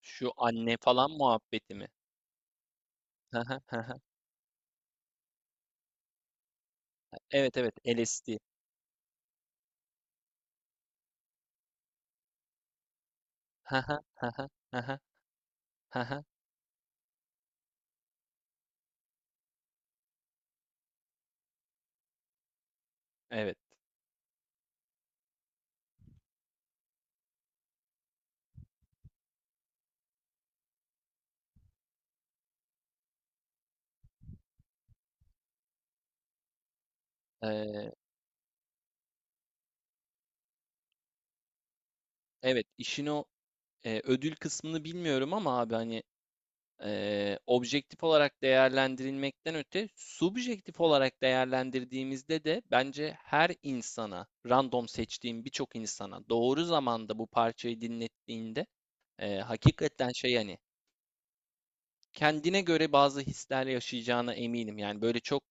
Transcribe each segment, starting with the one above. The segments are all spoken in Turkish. Şu anne falan muhabbeti mi? Hı hı, hı hı. Evet evet LSD. Hı hı, hı hı, hı hı, hı hı. Evet. Ee, evet işin o ödül kısmını bilmiyorum ama abi hani objektif olarak değerlendirilmekten öte subjektif olarak değerlendirdiğimizde de bence her insana random seçtiğim birçok insana doğru zamanda bu parçayı dinlettiğinde hakikaten şey hani kendine göre bazı hisler yaşayacağına eminim. Yani böyle çok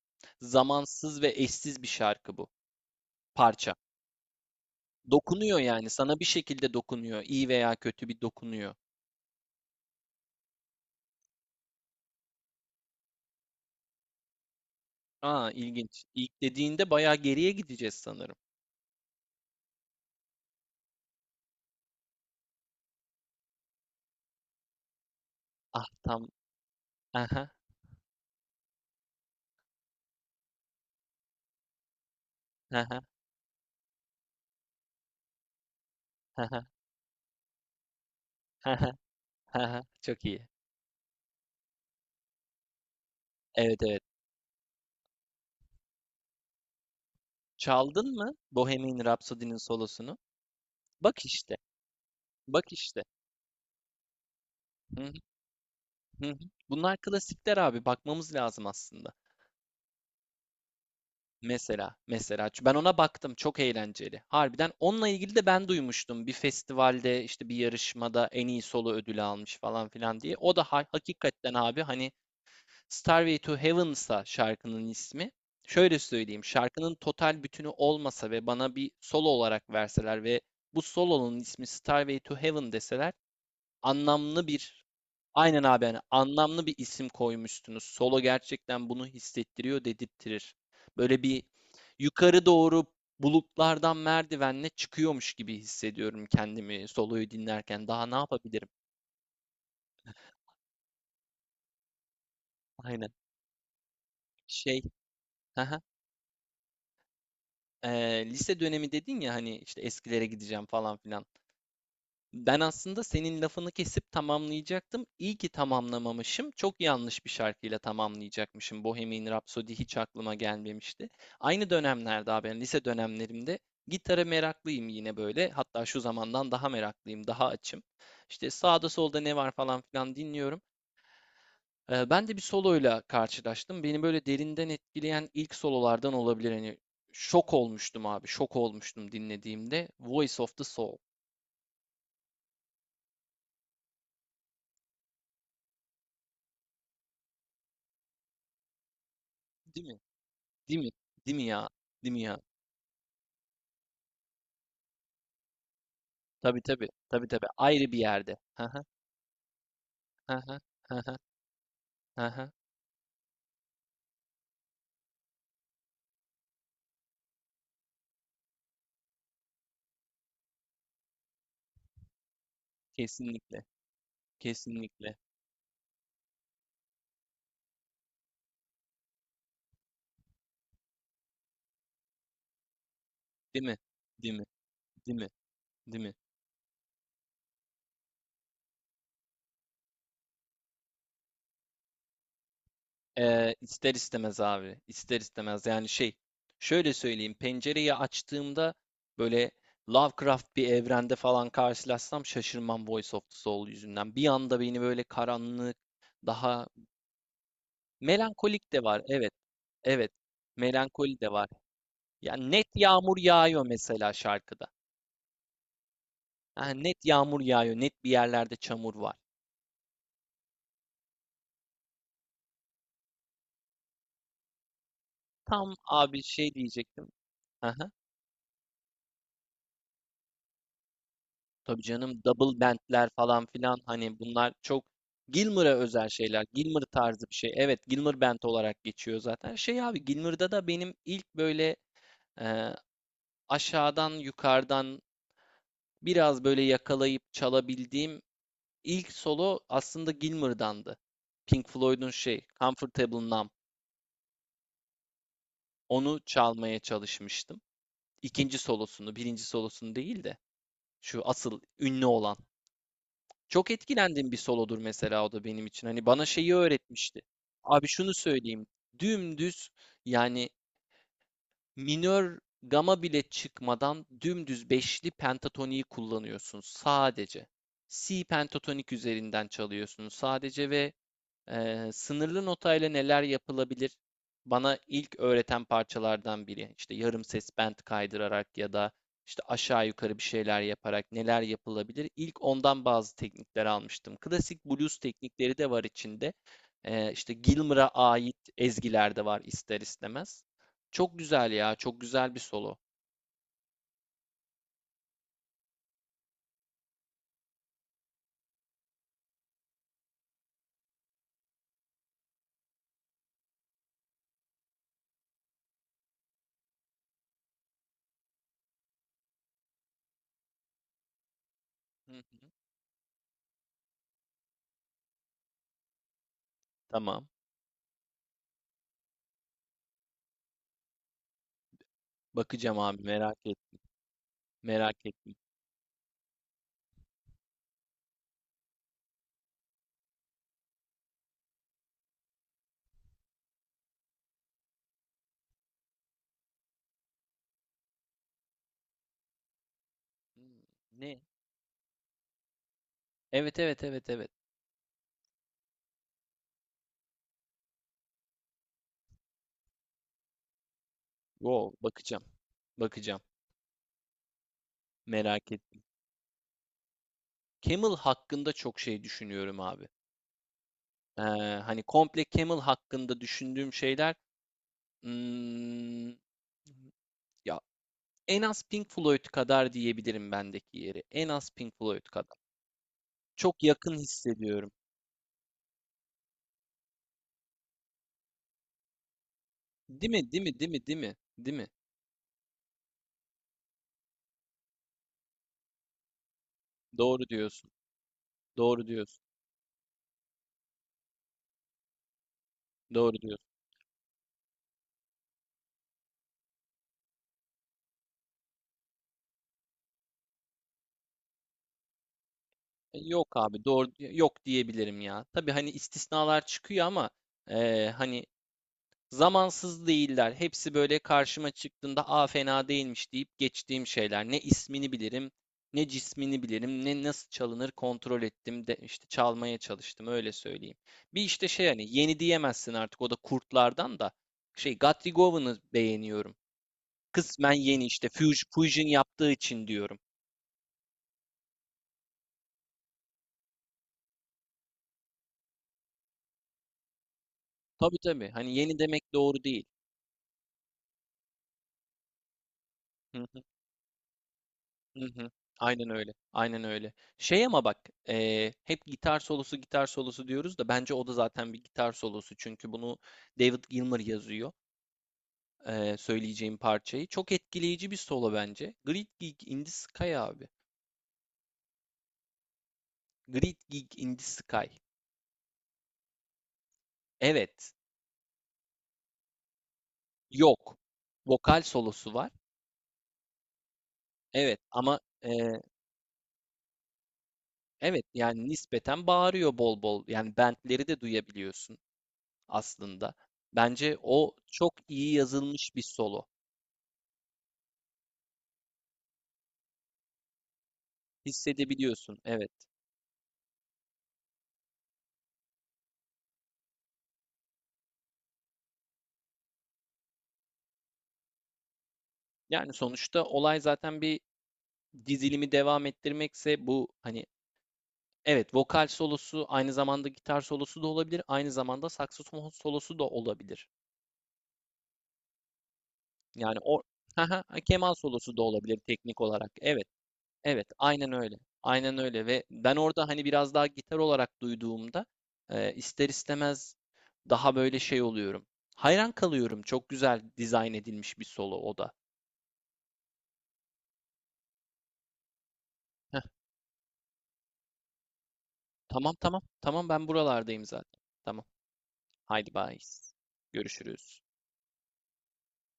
zamansız ve eşsiz bir şarkı bu. Parça. Dokunuyor yani. Sana bir şekilde dokunuyor. İyi veya kötü bir dokunuyor. Aa, ilginç. İlk dediğinde bayağı geriye gideceğiz sanırım. Ah tam. Aha. Aha. Aha. Aha. Aha. Çok iyi. Evet evet. Çaldın mı Bohemian Rhapsody'nin solosunu? Bak işte. Bak işte. Hı hı, hı hı. Bunlar klasikler abi. Bakmamız lazım aslında. Mesela, ben ona baktım, çok eğlenceli. Harbiden onunla ilgili de ben duymuştum, bir festivalde işte bir yarışmada en iyi solo ödülü almış falan filan diye. O da hakikaten abi, hani Starway to Heaven'sa şarkının ismi. Şöyle söyleyeyim, şarkının total bütünü olmasa ve bana bir solo olarak verseler ve bu solonun ismi Starway to Heaven deseler, anlamlı bir, aynen abi, yani anlamlı bir isim koymuştunuz. Solo gerçekten bunu hissettiriyor, dedirttirir. Böyle bir yukarı doğru, bulutlardan merdivenle çıkıyormuş gibi hissediyorum kendimi soloyu dinlerken. Daha ne yapabilirim? Aynen. Şey, haha, lise dönemi dedin ya, hani işte eskilere gideceğim falan filan. Ben aslında senin lafını kesip tamamlayacaktım. İyi ki tamamlamamışım. Çok yanlış bir şarkıyla tamamlayacakmışım. Bohemian Rhapsody hiç aklıma gelmemişti. Aynı dönemlerde abi, yani lise dönemlerimde gitara meraklıyım yine böyle. Hatta şu zamandan daha meraklıyım, daha açım. İşte sağda solda ne var falan filan dinliyorum. Ben de bir soloyla karşılaştım. Beni böyle derinden etkileyen ilk sololardan olabilir. Hani şok olmuştum abi, şok olmuştum dinlediğimde. Voice of the Soul. Değil mi? Değil mi? Değil mi ya? Değil mi ya? Tabii tabii. Tabii tabii. Ayrı bir yerde. Hı hı. Hı hı. Hı hı. Hı hı. Kesinlikle. Kesinlikle. Değil mi? Değil mi? Değil mi? Değil mi? İster istemez abi. İster istemez. Yani şey. Şöyle söyleyeyim. Pencereyi açtığımda böyle Lovecraft bir evrende falan karşılaşsam şaşırmam, Voice of the Soul yüzünden. Bir anda beni böyle karanlık, daha melankolik de var. Evet. Evet. Melankoli de var. Yani net yağmur yağıyor mesela şarkıda. Ha, net yağmur yağıyor, net bir yerlerde çamur var. Tam abi, şey diyecektim. Aha, tabii canım, double bandler falan filan, hani bunlar çok Gilmour'a özel şeyler. Gilmour tarzı bir şey. Evet, Gilmour band olarak geçiyor zaten. Şey abi, Gilmour'da da benim ilk böyle e, aşağıdan yukarıdan biraz böyle yakalayıp çalabildiğim ilk solo aslında Gilmour'dandı. Pink Floyd'un şey Comfortable Numb. Onu çalmaya çalışmıştım. İkinci solosunu, birinci solosunu değil de şu asıl ünlü olan. Çok etkilendiğim bir solodur mesela, o da benim için. Hani bana şeyi öğretmişti. Abi şunu söyleyeyim. Dümdüz, yani minör gama bile çıkmadan dümdüz beşli pentatoniği kullanıyorsun sadece. Si pentatonik üzerinden çalıyorsun sadece ve sınırlı notayla neler yapılabilir? Bana ilk öğreten parçalardan biri. İşte yarım ses bend kaydırarak ya da işte aşağı yukarı bir şeyler yaparak neler yapılabilir? İlk ondan bazı teknikler almıştım. Klasik blues teknikleri de var içinde. İşte Gilmour'a ait ezgiler de var ister istemez. Çok güzel ya, çok güzel bir solo. Hı hı. Tamam. Bakacağım abi, merak et, merak et. Hmm, ne? Evet evet evet evet. Wow, bakacağım, bakacağım. Merak et. Camel hakkında çok şey düşünüyorum abi. Eee, hani komple Camel hakkında düşündüğüm şeyler, hmm, ya en az Pink Floyd kadar diyebilirim bendeki yeri. En az Pink Floyd kadar. Çok yakın hissediyorum. Değil mi? Değil mi? Değil mi? Değil mi? Değil mi? Doğru diyorsun. Doğru diyorsun. Doğru diyorsun. Yok abi, doğru, yok diyebilirim ya. Tabii hani istisnalar çıkıyor ama hani zamansız değiller. Hepsi böyle karşıma çıktığında "a, fena değilmiş" deyip geçtiğim şeyler. Ne ismini bilirim, ne cismini bilirim, ne nasıl çalınır kontrol ettim de işte çalmaya çalıştım, öyle söyleyeyim. Bir işte şey, hani yeni diyemezsin artık, o da kurtlardan, da şey, Gatrigov'unu beğeniyorum. Kısmen yeni, işte Fusion yaptığı için diyorum. Tabii tabii, hani yeni demek doğru değil. Hı hı hı. Aynen öyle. Aynen öyle. Şey ama bak, hep gitar solosu, gitar solosu diyoruz da bence o da zaten bir gitar solosu. Çünkü bunu David Gilmour yazıyor, söyleyeceğim parçayı. Çok etkileyici bir solo bence. Great Gig in the Sky abi. Great Gig in the Sky. Evet. Yok. Vokal solosu var. Evet ama evet, yani nispeten bağırıyor bol bol. Yani bentleri de duyabiliyorsun aslında. Bence o çok iyi yazılmış bir solo. Hissedebiliyorsun, evet. Yani sonuçta olay zaten bir dizilimi devam ettirmekse bu, hani evet, vokal solosu aynı zamanda gitar solosu da olabilir, aynı zamanda saksofon solosu da olabilir. Yani o, haha, keman solosu da olabilir teknik olarak. Evet, evet, aynen öyle. Aynen öyle. Ve ben orada hani biraz daha gitar olarak duyduğumda ister istemez daha böyle şey oluyorum. Hayran kalıyorum. Çok güzel dizayn edilmiş bir solo, o da. Tamam tamam. Tamam, ben buralardayım zaten. Tamam. Haydi bye. Görüşürüz.